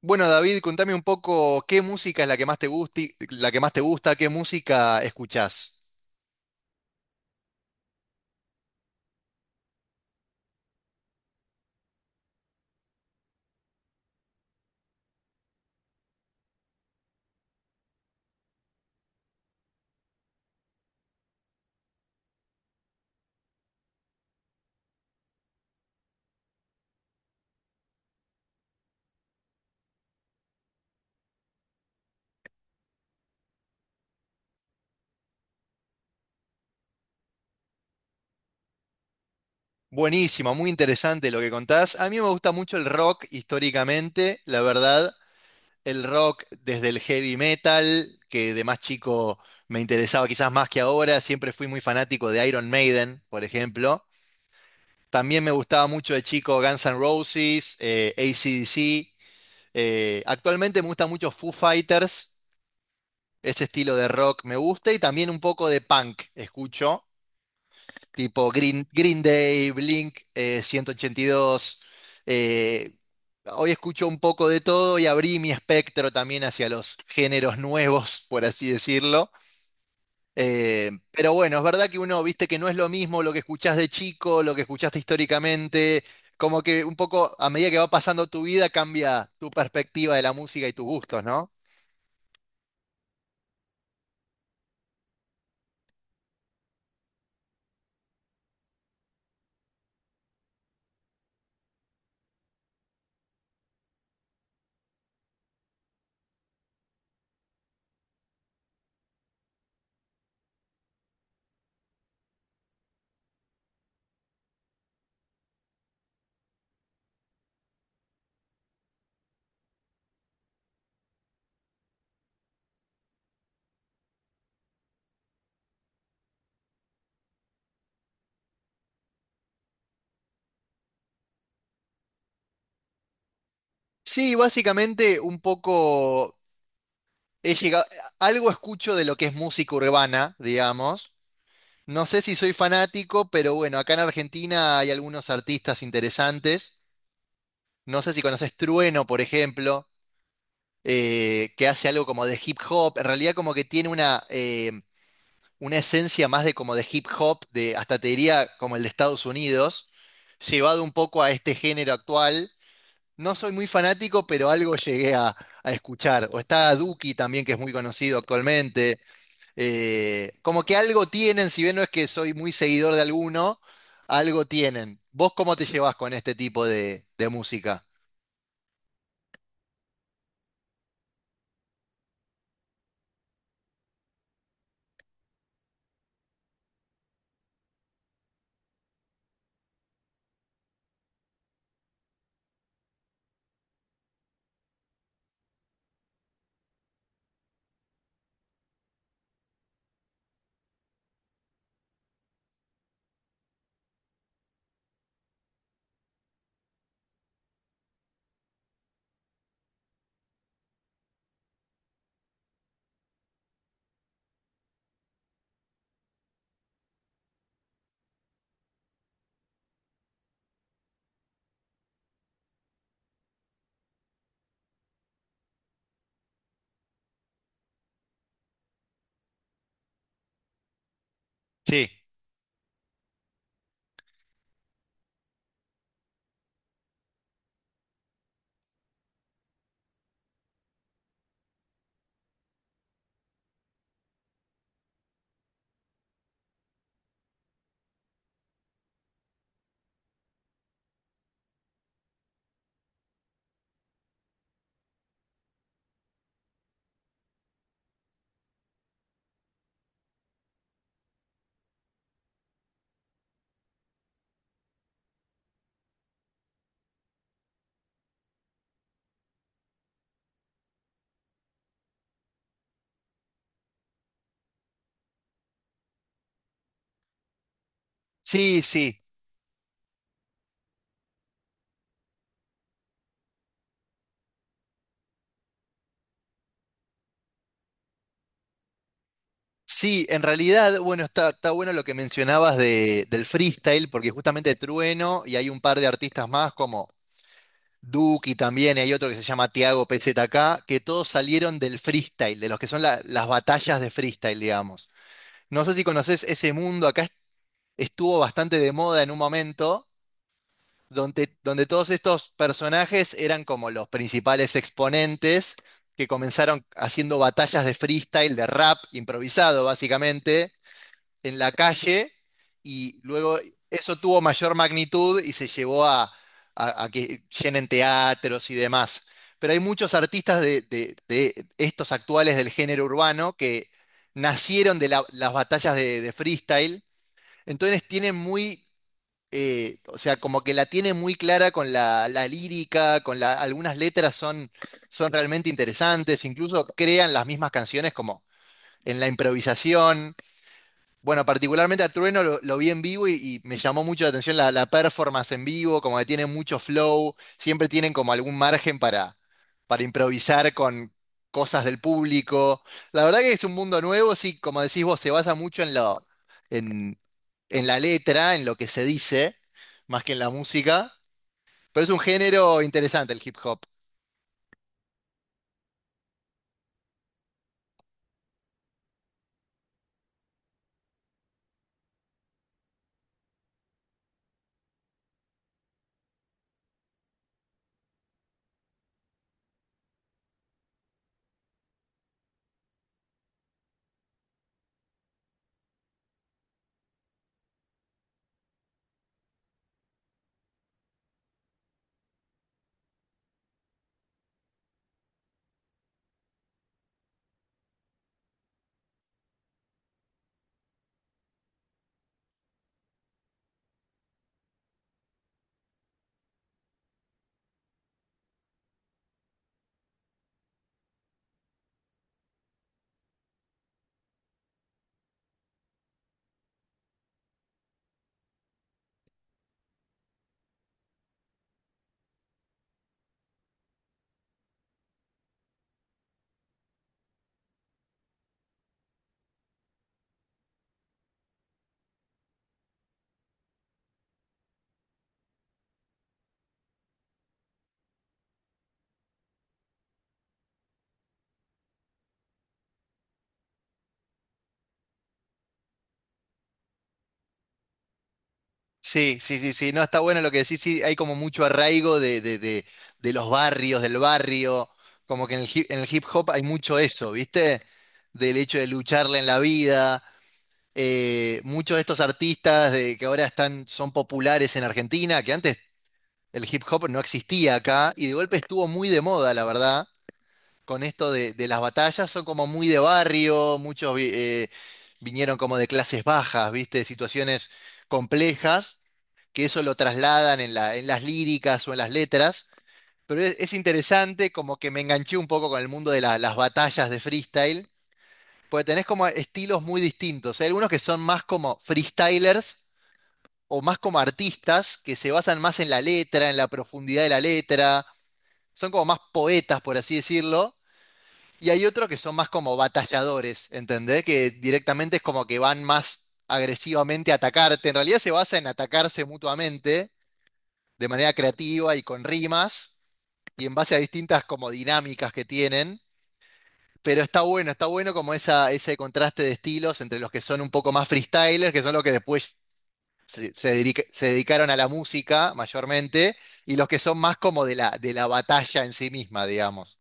Bueno, David, contame un poco qué música es la que más la que más te gusta, qué música escuchás. Buenísimo, muy interesante lo que contás. A mí me gusta mucho el rock históricamente, la verdad, el rock desde el heavy metal, que de más chico me interesaba quizás más que ahora, siempre fui muy fanático de Iron Maiden, por ejemplo. También me gustaba mucho de chico Guns N' Roses, AC/DC. Actualmente me gusta mucho Foo Fighters. Ese estilo de rock me gusta y también un poco de punk escucho, tipo Green Day, Blink, 182. eh, hoy escucho un poco de todo y abrí mi espectro también hacia los géneros nuevos, por así decirlo. Pero bueno, es verdad que uno, viste que no es lo mismo lo que escuchás de chico, lo que escuchaste históricamente, como que un poco a medida que va pasando tu vida cambia tu perspectiva de la música y tus gustos, ¿no? Sí, básicamente un poco he llegado, algo escucho de lo que es música urbana, digamos. No sé si soy fanático, pero bueno, acá en Argentina hay algunos artistas interesantes. No sé si conoces Trueno, por ejemplo, que hace algo como de hip hop. En realidad como que tiene una esencia más de como de hip hop, de hasta te diría como el de Estados Unidos, llevado un poco a este género actual. No soy muy fanático, pero algo llegué a escuchar. O está Duki también, que es muy conocido actualmente. Como que algo tienen, si bien no es que soy muy seguidor de alguno, algo tienen. ¿Vos cómo te llevas con este tipo de música? Sí. Sí, sí. Sí, en realidad, bueno, está bueno lo que mencionabas del freestyle, porque justamente Trueno y hay un par de artistas más como Duki también, y hay otro que se llama Tiago PZK, que todos salieron del freestyle, de los que son las batallas de freestyle, digamos. No sé si conoces ese mundo, acá estuvo bastante de moda en un momento, donde todos estos personajes eran como los principales exponentes que comenzaron haciendo batallas de freestyle, de rap improvisado, básicamente en la calle y luego eso tuvo mayor magnitud y se llevó a que llenen teatros y demás. Pero hay muchos artistas de estos actuales del género urbano que nacieron de las batallas de freestyle, entonces tienen o sea, como que la tienen muy clara con la lírica, con algunas letras son realmente interesantes, incluso crean las mismas canciones como en la improvisación. Bueno, particularmente a Trueno lo vi en vivo y me llamó mucho la atención la performance en vivo, como que tiene mucho flow, siempre tienen como algún margen para improvisar con cosas del público. La verdad que es un mundo nuevo, sí, como decís vos, se basa mucho en en, la letra, en lo que se dice, más que en la música, pero es un género interesante el hip hop. Sí, sí, sí, sí, no, está bueno lo que decís, sí, hay como mucho arraigo de los barrios, del barrio, como que en en el hip hop hay mucho eso, ¿viste? Del hecho de lucharle en la vida, muchos de estos artistas que ahora están, son populares en Argentina, que antes el hip hop no existía acá, y de golpe estuvo muy de moda, la verdad, con esto de las batallas, son como muy de barrio, muchos vinieron como de clases bajas, ¿viste? De situaciones complejas que eso lo trasladan en en las líricas o en las letras, pero es interesante, como que me enganché un poco con el mundo de las batallas de freestyle, porque tenés como estilos muy distintos. Hay algunos que son más como freestylers o más como artistas, que se basan más en la letra, en la profundidad de la letra, son como más poetas, por así decirlo. Y hay otros que son más como batalladores, ¿entendés? Que directamente es como que van más agresivamente a atacarte. En realidad se basa en atacarse mutuamente de manera creativa y con rimas y en base a distintas como dinámicas que tienen. Pero está bueno como esa, ese contraste de estilos entre los que son un poco más freestylers, que son los que después se dedicaron a la música mayormente, y los que son más como de la batalla en sí misma, digamos.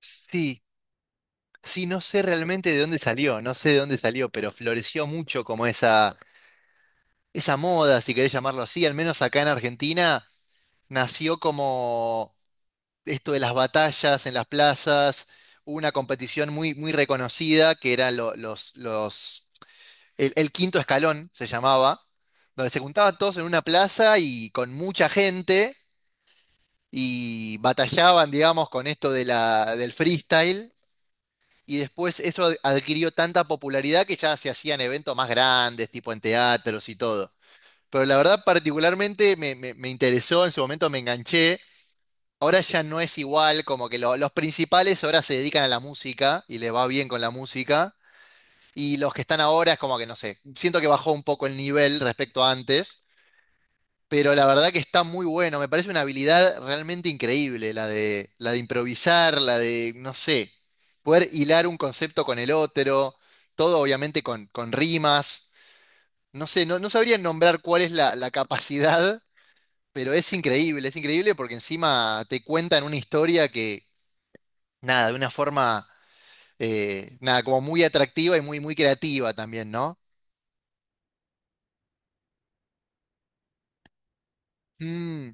Sí, sí, no sé realmente de dónde salió, no sé de dónde salió, pero floreció mucho como esa moda, si querés llamarlo así, al menos acá en Argentina, nació como esto de las batallas en las plazas, hubo una competición muy, muy reconocida que eran el quinto escalón se llamaba, donde se juntaban todos en una plaza y con mucha gente y batallaban, digamos, con esto de del freestyle. Y después eso adquirió tanta popularidad que ya se hacían eventos más grandes, tipo en teatros y todo. Pero la verdad particularmente me interesó, en su momento me enganché. Ahora ya no es igual, como que los principales ahora se dedican a la música y le va bien con la música. Y los que están ahora es como que no sé, siento que bajó un poco el nivel respecto a antes, pero la verdad que está muy bueno. Me parece una habilidad realmente increíble, la de improvisar, no sé, poder hilar un concepto con el otro, todo obviamente con rimas. No sé, no, no sabría nombrar cuál es la capacidad, pero es increíble porque encima te cuentan una historia que nada, de una forma, nada, como muy atractiva y muy, muy creativa también, ¿no? Mm,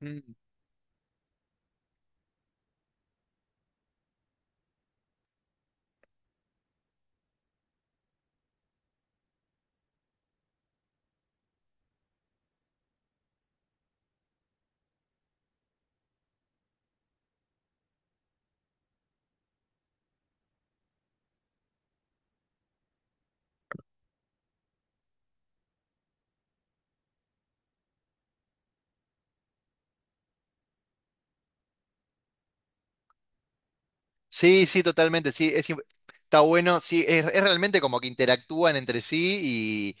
mm. Sí, sí, totalmente, sí, está bueno, sí, es realmente como que interactúan entre sí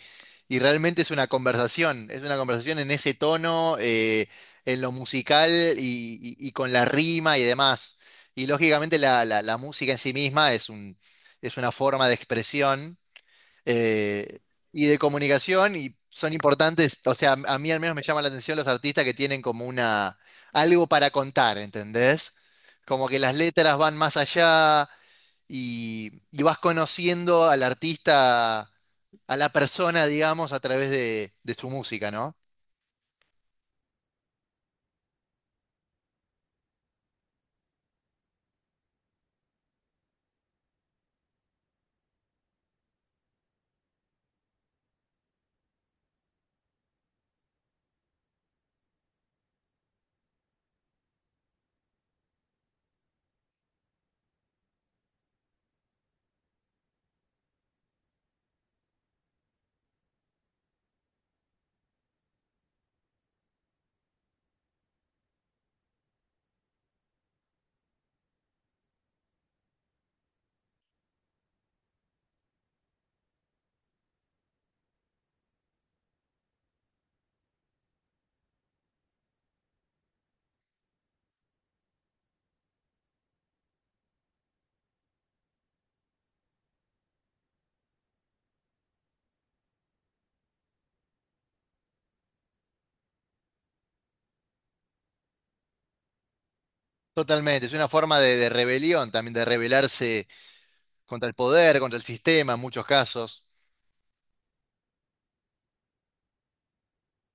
y realmente es una conversación en ese tono, en lo musical y, y con la rima y demás. Y lógicamente la música en sí misma es una forma de expresión. eh, y de comunicación y son importantes, o sea, a mí al menos me llama la atención los artistas que tienen como algo para contar, ¿entendés? Como que las letras van más allá y vas conociendo al artista, a la persona, digamos, a través de su música, ¿no? Totalmente, es una forma de rebelión también, de rebelarse contra el poder, contra el sistema en muchos casos.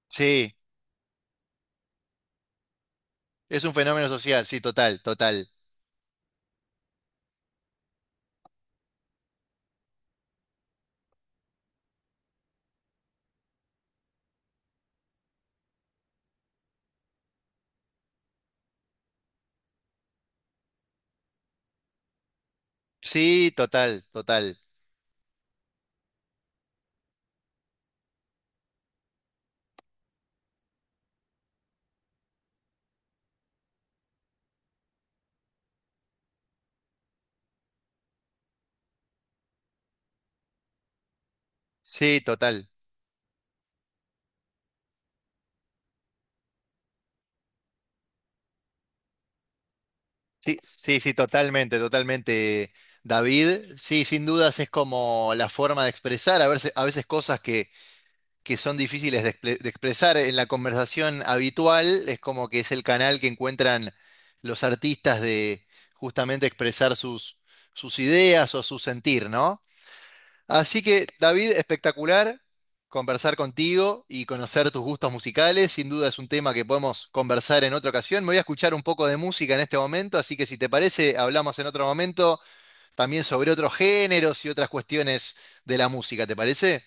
Sí, es un fenómeno social, sí, total, total. Sí, total, total. Sí, total. Sí, sí, sí, totalmente, totalmente. David, sí, sin dudas es como la forma de expresar, a veces cosas que son difíciles de expresar en la conversación habitual, es como que es el canal que encuentran los artistas de justamente expresar sus ideas o su sentir, ¿no? Así que, David, espectacular conversar contigo y conocer tus gustos musicales. Sin duda es un tema que podemos conversar en otra ocasión. Me voy a escuchar un poco de música en este momento, así que si te parece, hablamos en otro momento también sobre otros géneros y otras cuestiones de la música, ¿te parece?